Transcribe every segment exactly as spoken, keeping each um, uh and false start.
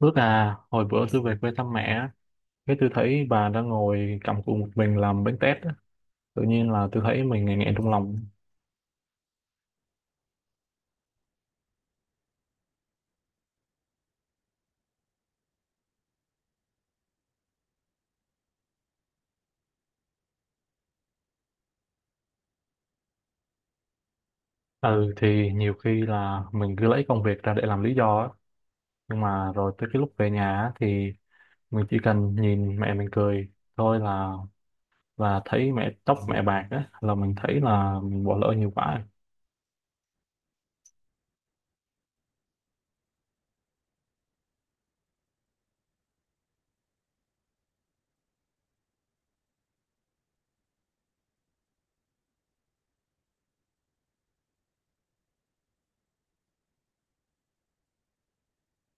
Rất là hồi bữa tôi về quê thăm mẹ á, cái tôi thấy bà đang ngồi cầm cuộn một mình làm bánh tét á. Tự nhiên là tôi thấy mình nghẹn nghẹn trong lòng. Ừ thì nhiều khi là mình cứ lấy công việc ra để làm lý do á, nhưng mà rồi tới cái lúc về nhà á, thì mình chỉ cần nhìn mẹ mình cười thôi là là thấy mẹ, tóc mẹ bạc á, là mình thấy là mình bỏ lỡ nhiều quá.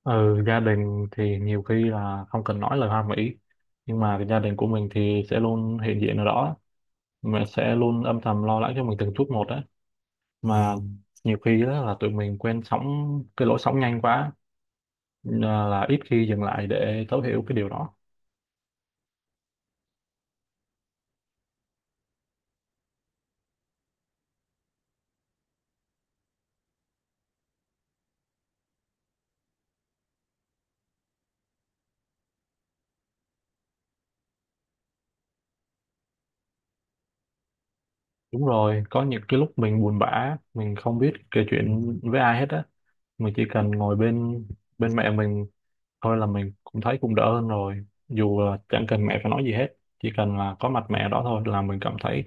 Ừ, gia đình thì nhiều khi là không cần nói lời hoa mỹ, nhưng mà cái gia đình của mình thì sẽ luôn hiện diện ở đó, mình sẽ luôn âm thầm lo lắng cho mình từng chút một đấy mà. Nhiều khi đó là tụi mình quen sóng, cái lỗi sóng nhanh quá là, là, ít khi dừng lại để thấu hiểu cái điều đó. Đúng rồi, có những cái lúc mình buồn bã, mình không biết kể chuyện với ai hết á, mình chỉ cần ngồi bên bên mẹ mình thôi là mình cũng thấy cũng đỡ hơn rồi, dù là chẳng cần mẹ phải nói gì hết, chỉ cần là có mặt mẹ đó thôi là mình cảm thấy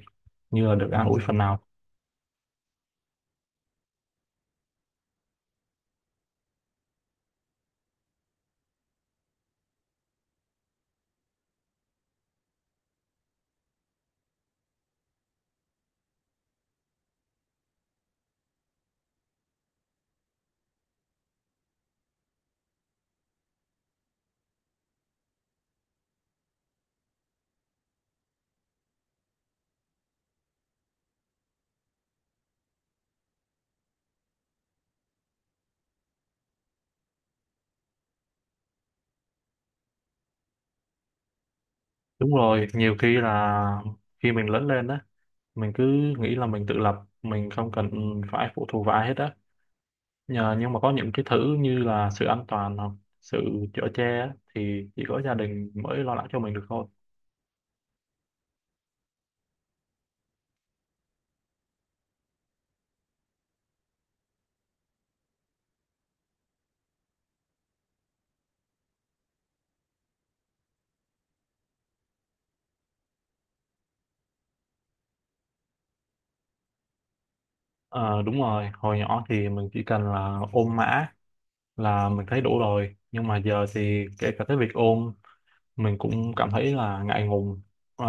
như là được an ủi phần nào. Đúng rồi, nhiều khi là khi mình lớn lên đó, mình cứ nghĩ là mình tự lập, mình không cần phải phụ thuộc vào ai hết á, nhờ nhưng mà có những cái thứ như là sự an toàn hoặc sự chở che á, thì chỉ có gia đình mới lo lắng cho mình được thôi. Ờ, đúng rồi, hồi nhỏ thì mình chỉ cần là ôm mã là mình thấy đủ rồi, nhưng mà giờ thì kể cả cái việc ôm mình cũng cảm thấy là ngại ngùng, ờ,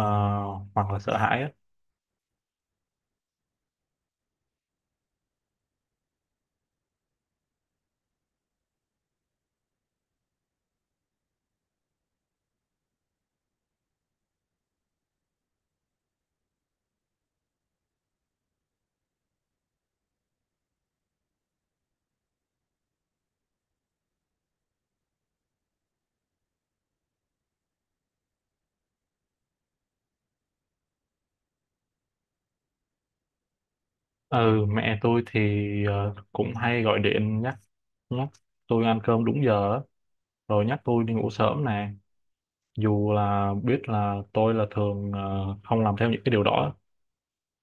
hoặc là sợ hãi á. Ừ, mẹ tôi thì ờ, cũng hay gọi điện nhắc nhắc tôi ăn cơm đúng giờ á, rồi nhắc tôi đi ngủ sớm nè, dù là biết là tôi là thường ờ, không làm theo những cái điều đó,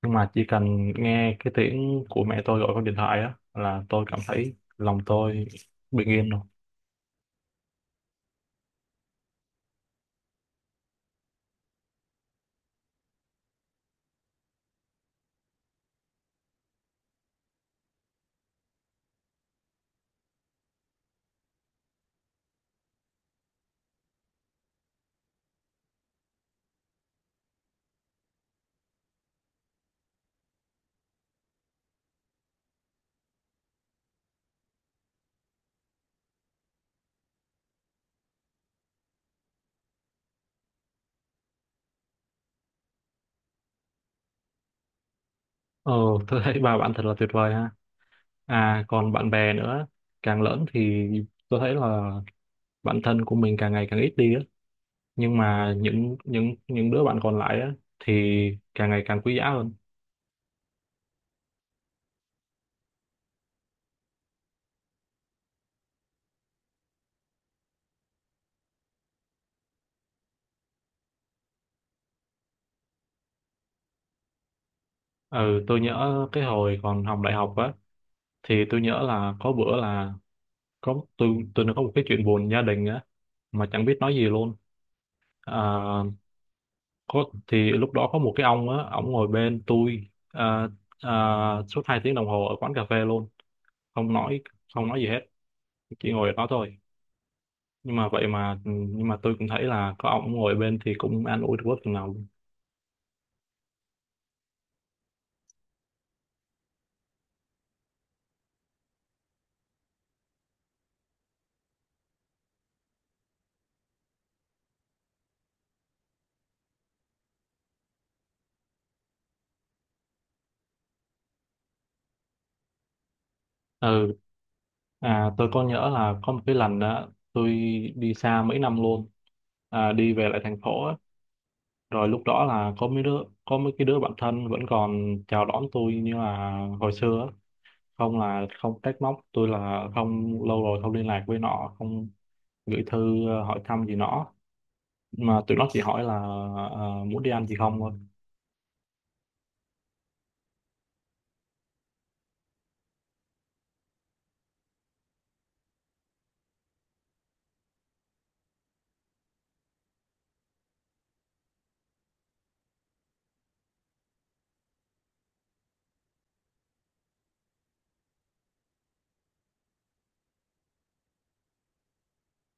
nhưng mà chỉ cần nghe cái tiếng của mẹ tôi gọi con điện thoại á là tôi cảm thấy lòng tôi bình yên rồi. Ờ, tôi thấy ba bạn thật là tuyệt vời ha. À, còn bạn bè nữa, càng lớn thì tôi thấy là bạn thân của mình càng ngày càng ít đi á, nhưng mà những những những đứa bạn còn lại á thì càng ngày càng quý giá hơn. Ừ, tôi nhớ cái hồi còn học đại học á, thì tôi nhớ là có bữa là có tôi tôi nó có một cái chuyện buồn gia đình á mà chẳng biết nói gì luôn. à, có thì lúc đó có một cái ông á, ông ngồi bên tôi à, à, suốt hai tiếng đồng hồ ở quán cà phê luôn, không nói không nói gì hết, chỉ ngồi ở đó thôi, nhưng mà vậy mà nhưng mà tôi cũng thấy là có ông ngồi bên thì cũng an ủi được bớt phần nào luôn. Ừ, à, tôi có nhớ là có một cái lần đó tôi đi xa mấy năm luôn à, đi về lại thành phố á, rồi lúc đó là có mấy đứa có mấy cái đứa bạn thân vẫn còn chào đón tôi như là hồi xưa á. Không là không trách móc tôi là không lâu rồi không liên lạc với nó, không gửi thư ờ, hỏi thăm gì nó, mà tụi nó chỉ hỏi là ờ, muốn đi ăn gì không thôi.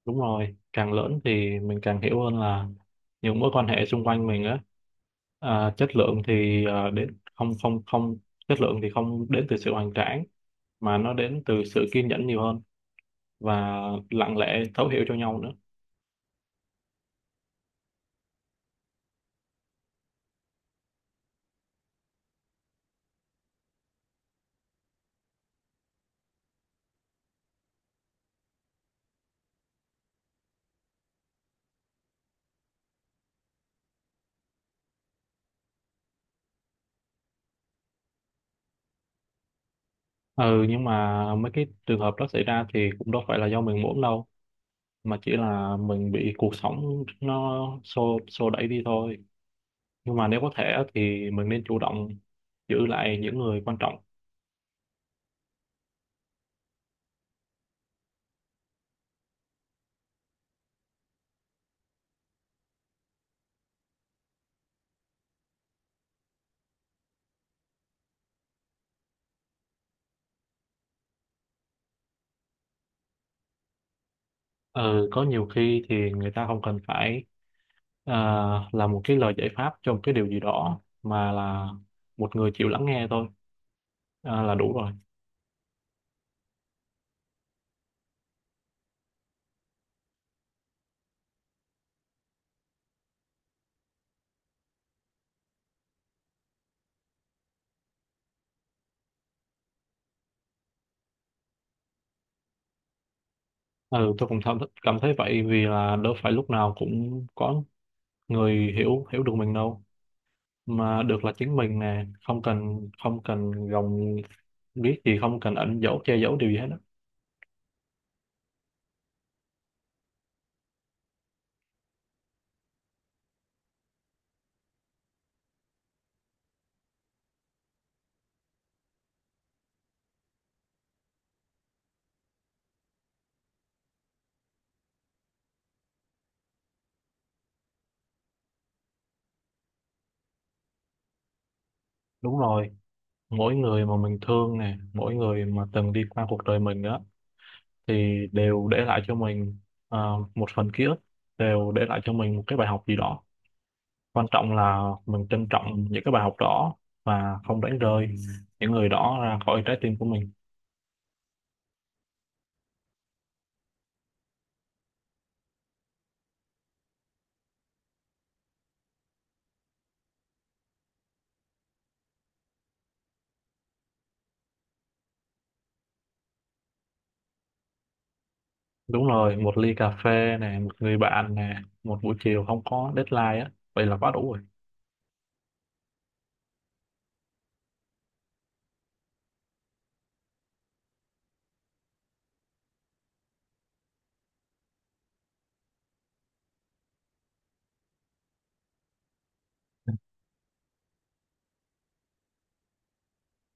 Đúng rồi, càng lớn thì mình càng hiểu hơn là những mối quan hệ xung quanh mình á, à, chất lượng thì ờ, đến không không không chất lượng thì không đến từ sự hoành tráng, mà nó đến từ sự kiên nhẫn nhiều hơn và lặng lẽ thấu hiểu cho nhau nữa. Ừ, nhưng mà mấy cái trường hợp đó xảy ra thì cũng đâu phải là do mình muốn đâu, mà chỉ là mình bị cuộc sống nó xô xô đẩy đi thôi, nhưng mà nếu có thể á, thì mình nên chủ động giữ lại những người quan trọng. Ừ, có nhiều khi thì người ta không cần phải à, là một cái lời giải pháp cho một cái điều gì đó, mà là một người chịu lắng nghe thôi, à, là đủ rồi. Ừ, tôi cũng cảm cảm thấy vậy, vì là đâu phải lúc nào cũng có người hiểu hiểu được mình đâu, mà được là chính mình nè, không cần không cần gồng, biết gì, không cần ẩn dấu che giấu điều gì hết đó. Đúng rồi, mỗi người mà mình thương nè, mỗi người mà từng đi qua cuộc đời mình đó, thì đều để lại cho mình ờ, một phần ký ức, đều để lại cho mình một cái bài học gì đó. Quan trọng là mình trân trọng những cái bài học đó, và không đánh rơi những người đó ra khỏi trái tim của mình. Đúng rồi, một ly cà phê nè, một người bạn nè, một buổi chiều không có deadline á, vậy là quá đủ rồi.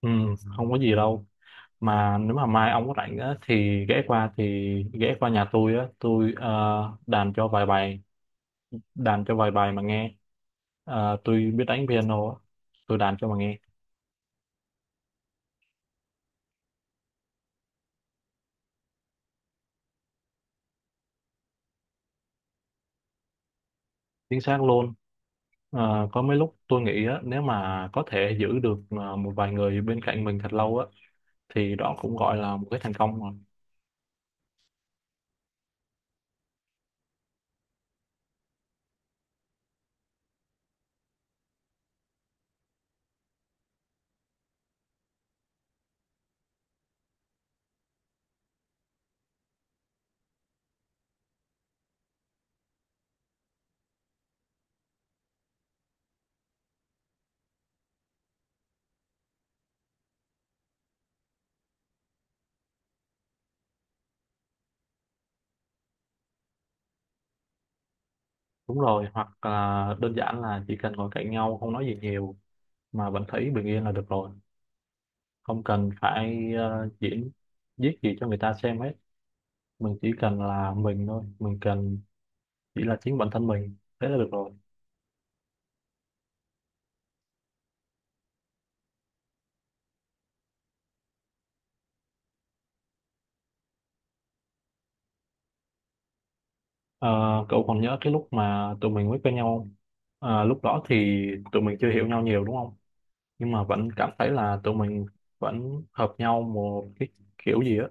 Ừ, không có gì đâu, mà nếu mà mai ông có rảnh á, thì ghé qua thì ghé qua nhà tôi á, tôi ờ, đàn cho vài bài đàn cho vài bài mà nghe. Ờ, tôi biết đánh piano á, tôi đàn cho mà nghe. Chính xác luôn. Ờ, có mấy lúc tôi nghĩ á, nếu mà có thể giữ được ờ, một vài người bên cạnh mình thật lâu á, thì đó cũng gọi là một cái thành công rồi. Đúng rồi, hoặc là đơn giản là chỉ cần ngồi cạnh nhau không nói gì nhiều mà vẫn thấy bình yên là được rồi, không cần phải ờ, diễn viết gì cho người ta xem hết. Mình chỉ cần là mình thôi, mình cần chỉ là chính bản thân mình, thế là được rồi. Ờ, cậu còn nhớ cái lúc mà tụi mình mới quen nhau không? Ờ, lúc đó thì tụi mình chưa hiểu nhau nhiều đúng không, nhưng mà vẫn cảm thấy là tụi mình vẫn hợp nhau một cái kiểu gì á.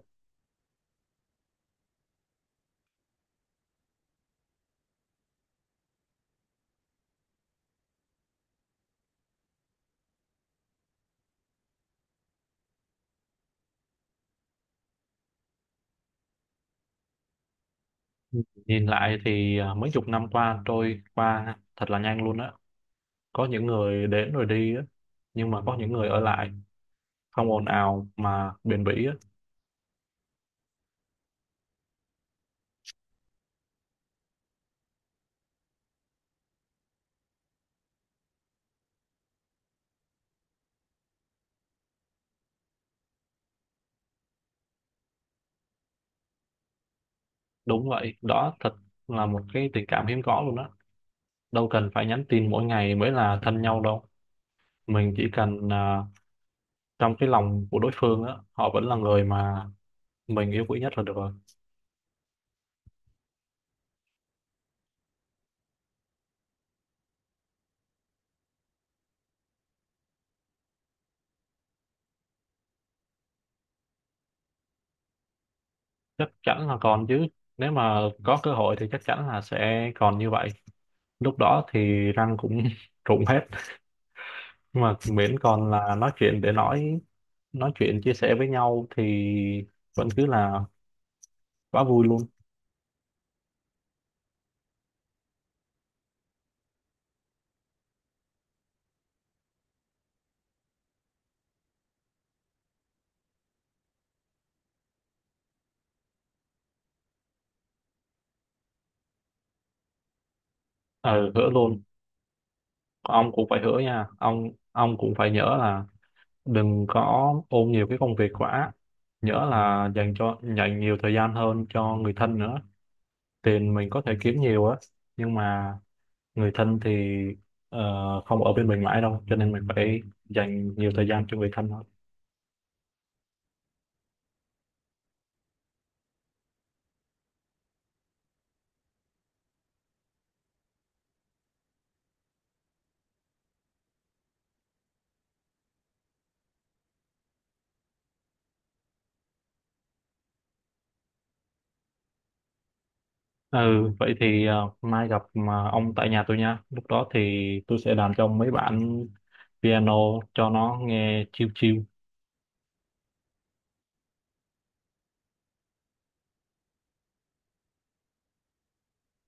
Nhìn lại thì à, mấy chục năm qua trôi qua thật là nhanh luôn á. Có những người đến rồi đi á, nhưng mà có những người ở lại, không ồn ào mà bền bỉ á. Đúng vậy đó, thật là một cái tình cảm hiếm có luôn á. Đâu cần phải nhắn tin mỗi ngày mới là thân nhau đâu, mình chỉ cần à, trong cái lòng của đối phương á, họ vẫn là người mà mình yêu quý nhất là được rồi. Chắc chắn là còn chứ, nếu mà có cơ hội thì chắc chắn là sẽ còn như vậy. Lúc đó thì răng cũng rụng hết, mà miễn còn là nói chuyện để nói nói chuyện chia sẻ với nhau thì vẫn cứ là quá vui luôn. Ờ, hứa luôn. Ông cũng phải hứa nha ông ông cũng phải nhớ là đừng có ôm nhiều cái công việc quá, nhỡ là dành cho dành nhiều thời gian hơn cho người thân nữa. Tiền mình có thể kiếm nhiều á, nhưng mà người thân thì ờ, không ở bên mình mãi đâu, cho nên mình phải dành nhiều thời gian cho người thân thôi. Ừ, vậy thì ờ, mai gặp mà ông tại nhà tôi nha. Lúc đó thì tôi sẽ làm cho ông mấy bản piano cho nó nghe chill chill.